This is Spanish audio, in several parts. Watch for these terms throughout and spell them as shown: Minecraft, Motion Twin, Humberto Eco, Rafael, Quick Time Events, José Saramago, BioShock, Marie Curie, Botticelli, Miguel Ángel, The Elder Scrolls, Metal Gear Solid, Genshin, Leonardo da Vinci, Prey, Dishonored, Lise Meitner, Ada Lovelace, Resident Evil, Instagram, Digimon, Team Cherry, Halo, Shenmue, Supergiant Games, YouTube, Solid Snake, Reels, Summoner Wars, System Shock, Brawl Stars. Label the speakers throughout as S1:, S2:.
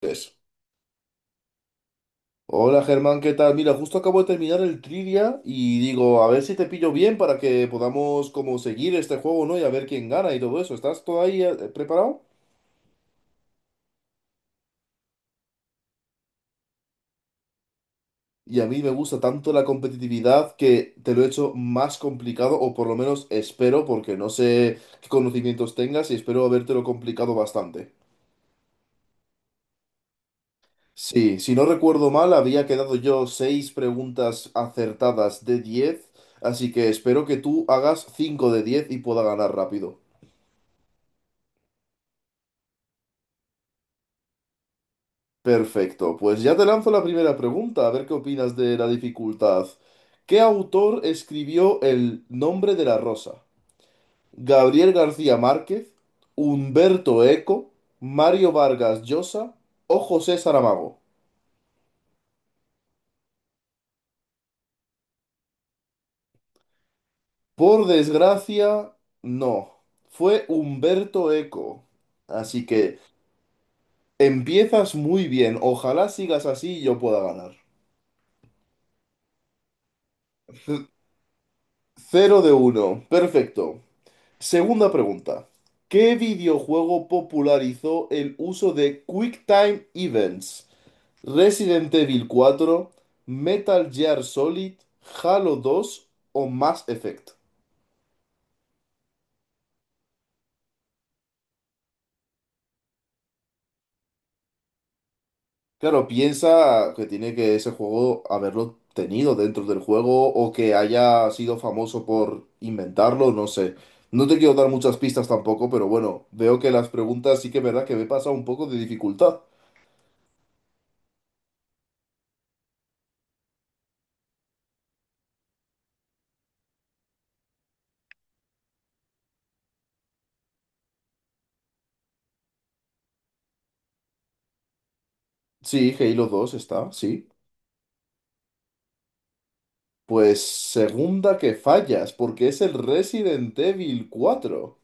S1: Tres. Hola Germán, ¿qué tal? Mira, justo acabo de terminar el trivia y digo, a ver si te pillo bien para que podamos como seguir este juego, ¿no? Y a ver quién gana y todo eso. ¿Estás todo ahí preparado? Y a mí me gusta tanto la competitividad que te lo he hecho más complicado, o por lo menos espero, porque no sé qué conocimientos tengas y espero habértelo complicado bastante. Sí, si no recuerdo mal, había quedado yo seis preguntas acertadas de 10, así que espero que tú hagas 5 de 10 y pueda ganar rápido. Perfecto, pues ya te lanzo la primera pregunta, a ver qué opinas de la dificultad. ¿Qué autor escribió El nombre de la rosa? ¿Gabriel García Márquez, Humberto Eco, Mario Vargas Llosa o José Saramago? Por desgracia, no. Fue Humberto Eco. Así que empiezas muy bien. Ojalá sigas así y yo pueda ganar. Cero de uno. Perfecto. Segunda pregunta. ¿Qué videojuego popularizó el uso de QuickTime Events? ¿Resident Evil cuatro, Metal Gear Solid, Halo 2 o Mass Effect? Claro, piensa que tiene que ese juego haberlo tenido dentro del juego o que haya sido famoso por inventarlo, no sé. No te quiero dar muchas pistas tampoco, pero bueno, veo que las preguntas sí que es verdad que me pasa un poco de dificultad. Sí, Halo 2 está, sí. Pues segunda que fallas, porque es el Resident Evil 4.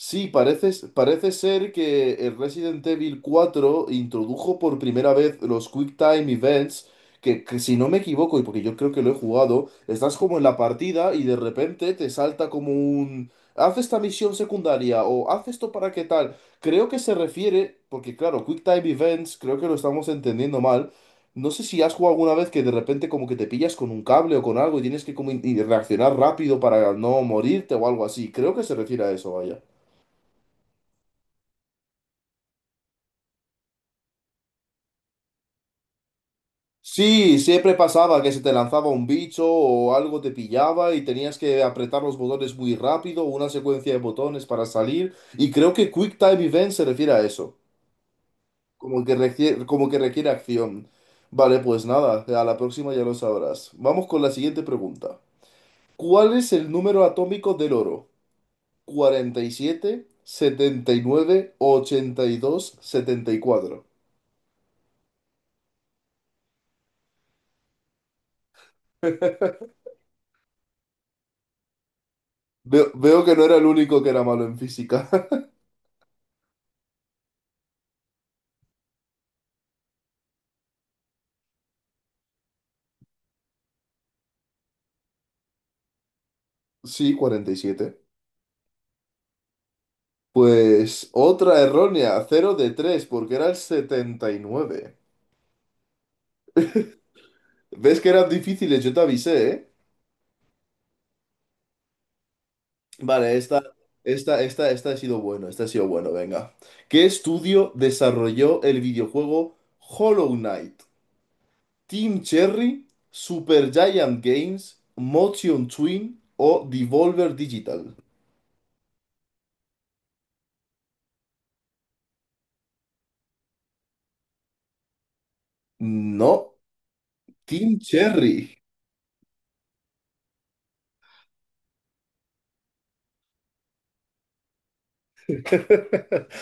S1: Sí, parece, parece ser que el Resident Evil 4 introdujo por primera vez los Quick Time Events, que si no me equivoco, y porque yo creo que lo he jugado, estás como en la partida y de repente te salta como un. Haz esta misión secundaria o haz esto para qué tal. Creo que se refiere, porque claro, Quick Time Events, creo que lo estamos entendiendo mal. No sé si has jugado alguna vez que de repente como que te pillas con un cable o con algo y tienes que como y reaccionar rápido para no morirte o algo así. Creo que se refiere a eso, vaya. Sí, siempre pasaba que se te lanzaba un bicho o algo te pillaba y tenías que apretar los botones muy rápido, una secuencia de botones para salir. Y creo que Quick Time Event se refiere a eso, como que requiere acción. Vale, pues nada, a la próxima ya lo sabrás. Vamos con la siguiente pregunta. ¿Cuál es el número atómico del oro? 47, 79, 82, 74. Veo que no era el único que era malo en física. Sí, 47. Pues otra errónea, cero de 3 porque era el 79. ¿Ves que eran difíciles? Yo te avisé, ¿eh? Vale, esta ha sido bueno, venga. ¿Qué estudio desarrolló el videojuego Hollow Knight? ¿Team Cherry, Supergiant Games, Motion Twin o Devolver Digital? No, Team Cherry.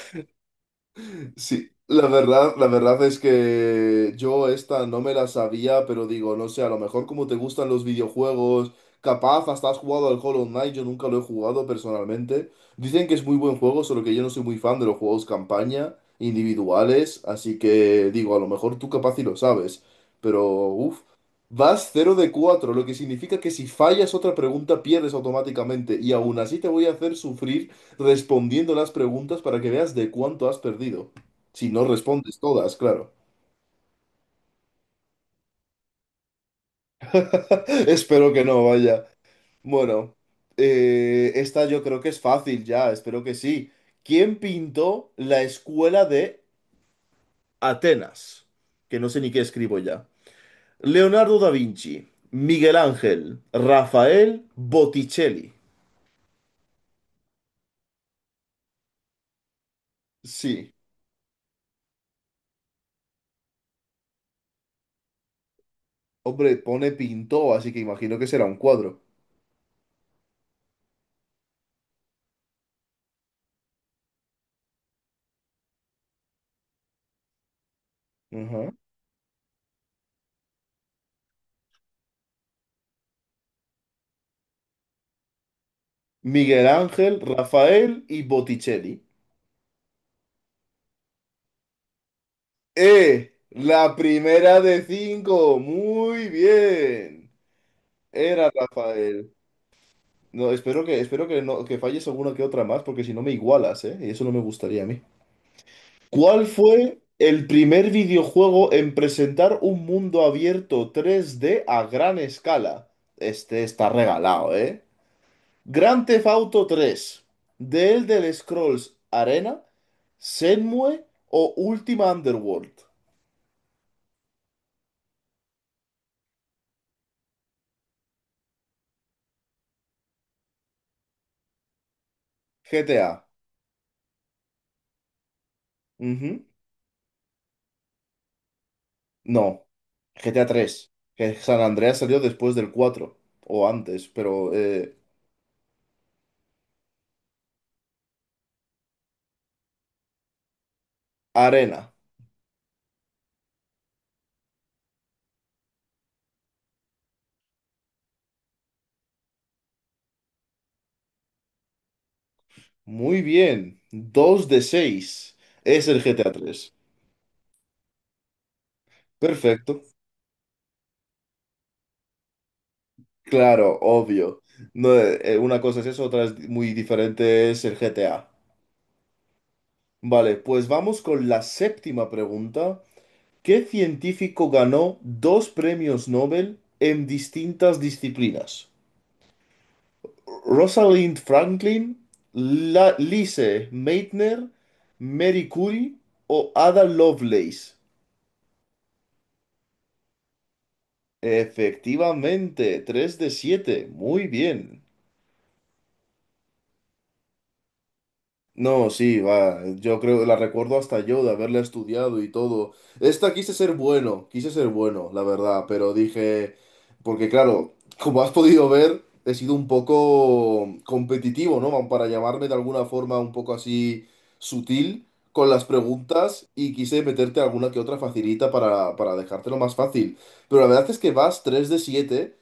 S1: Sí, la verdad es que yo esta no me la sabía, pero digo, no sé, a lo mejor como te gustan los videojuegos, capaz hasta has jugado al Hollow Knight, yo nunca lo he jugado personalmente. Dicen que es muy buen juego, solo que yo no soy muy fan de los juegos campaña, individuales, así que digo, a lo mejor tú capaz y lo sabes, pero uff, vas cero de 4, lo que significa que si fallas otra pregunta pierdes automáticamente, y aún así te voy a hacer sufrir respondiendo las preguntas para que veas de cuánto has perdido. Si no respondes todas, claro. Espero que no, vaya. Bueno, esta yo creo que es fácil ya, espero que sí. ¿Quién pintó la escuela de Atenas? Que no sé ni qué escribo ya. Leonardo da Vinci, Miguel Ángel, Rafael Botticelli. Sí, hombre, pone pintó, así que imagino que será un cuadro. Ajá. Miguel Ángel, Rafael y Botticelli. La primera de cinco. Muy bien. Era Rafael. No, espero que no, que falles alguna que otra más, porque si no me igualas, ¿eh? Y eso no me gustaría a mí. ¿Cuál fue el primer videojuego en presentar un mundo abierto 3D a gran escala? Este está regalado, ¿eh? Grand Theft Auto tres, The Elder Scrolls Arena, Shenmue o Ultima Underworld. GTA. No, GTA 3 que San Andreas salió después del 4 o antes, pero Arena. Muy bien, 2 de 6 es el GTA 3. Perfecto, claro, obvio. No, una cosa es eso, otra es muy diferente es el GTA. Vale, pues vamos con la séptima pregunta. ¿Qué científico ganó dos premios Nobel en distintas disciplinas? Rosalind Franklin, La Lise Meitner, Mary Curie o Ada Lovelace. Efectivamente, 3 de 7. Muy bien. No, sí, va. Yo creo, la recuerdo hasta yo de haberla estudiado y todo. Esta quise ser bueno, la verdad, pero dije, porque claro, como has podido ver, he sido un poco competitivo, ¿no? Para llamarme de alguna forma un poco así sutil con las preguntas y quise meterte alguna que otra facilita para dejártelo más fácil. Pero la verdad es que vas 3 de 7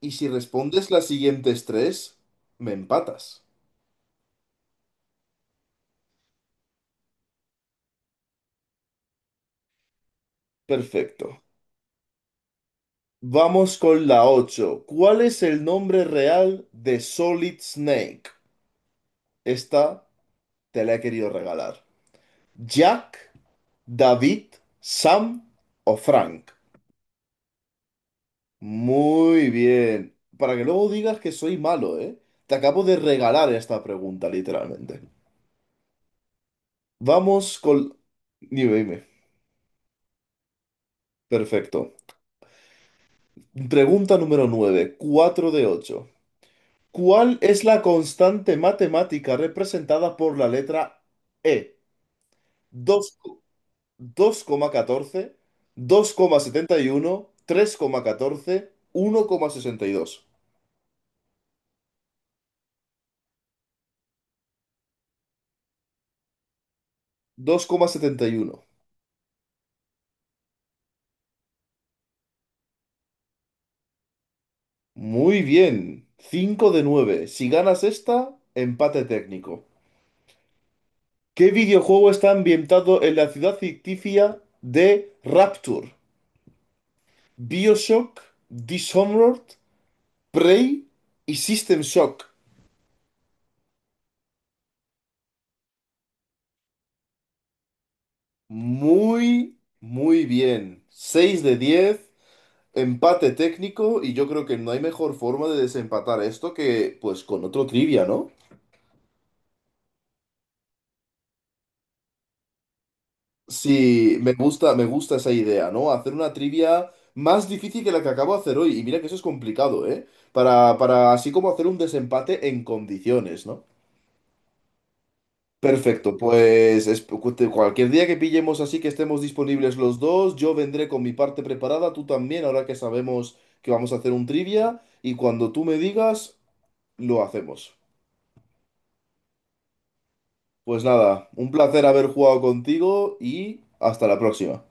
S1: y si respondes las siguientes tres, me empatas. Perfecto. Vamos con la 8. ¿Cuál es el nombre real de Solid Snake? Esta te la he querido regalar. ¿Jack, David, Sam o Frank? Muy bien. Para que luego digas que soy malo, ¿eh? Te acabo de regalar esta pregunta, literalmente. Vamos con. Dime, dime. Perfecto. Pregunta número 9, 4 de 8. ¿Cuál es la constante matemática representada por la letra E? dos dos coma catorce setenta y uno, tres coma catorce, uno tres sesenta y dos. Dos coma setenta y uno. Muy bien. Cinco de nueve. Si ganas esta, empate técnico. ¿Qué videojuego está ambientado en la ciudad ficticia de Rapture? BioShock, Dishonored, Prey y System Shock. Muy, muy bien. Seis de 10. Empate técnico y yo creo que no hay mejor forma de desempatar esto que pues con otro trivia, ¿no? Sí, me gusta esa idea, ¿no? Hacer una trivia más difícil que la que acabo de hacer hoy. Y mira que eso es complicado, ¿eh? Para así como hacer un desempate en condiciones, ¿no? Perfecto, pues cualquier día que pillemos así que estemos disponibles los dos, yo vendré con mi parte preparada, tú también, ahora que sabemos que vamos a hacer un trivia, y cuando tú me digas, lo hacemos. Pues nada, un placer haber jugado contigo y hasta la próxima.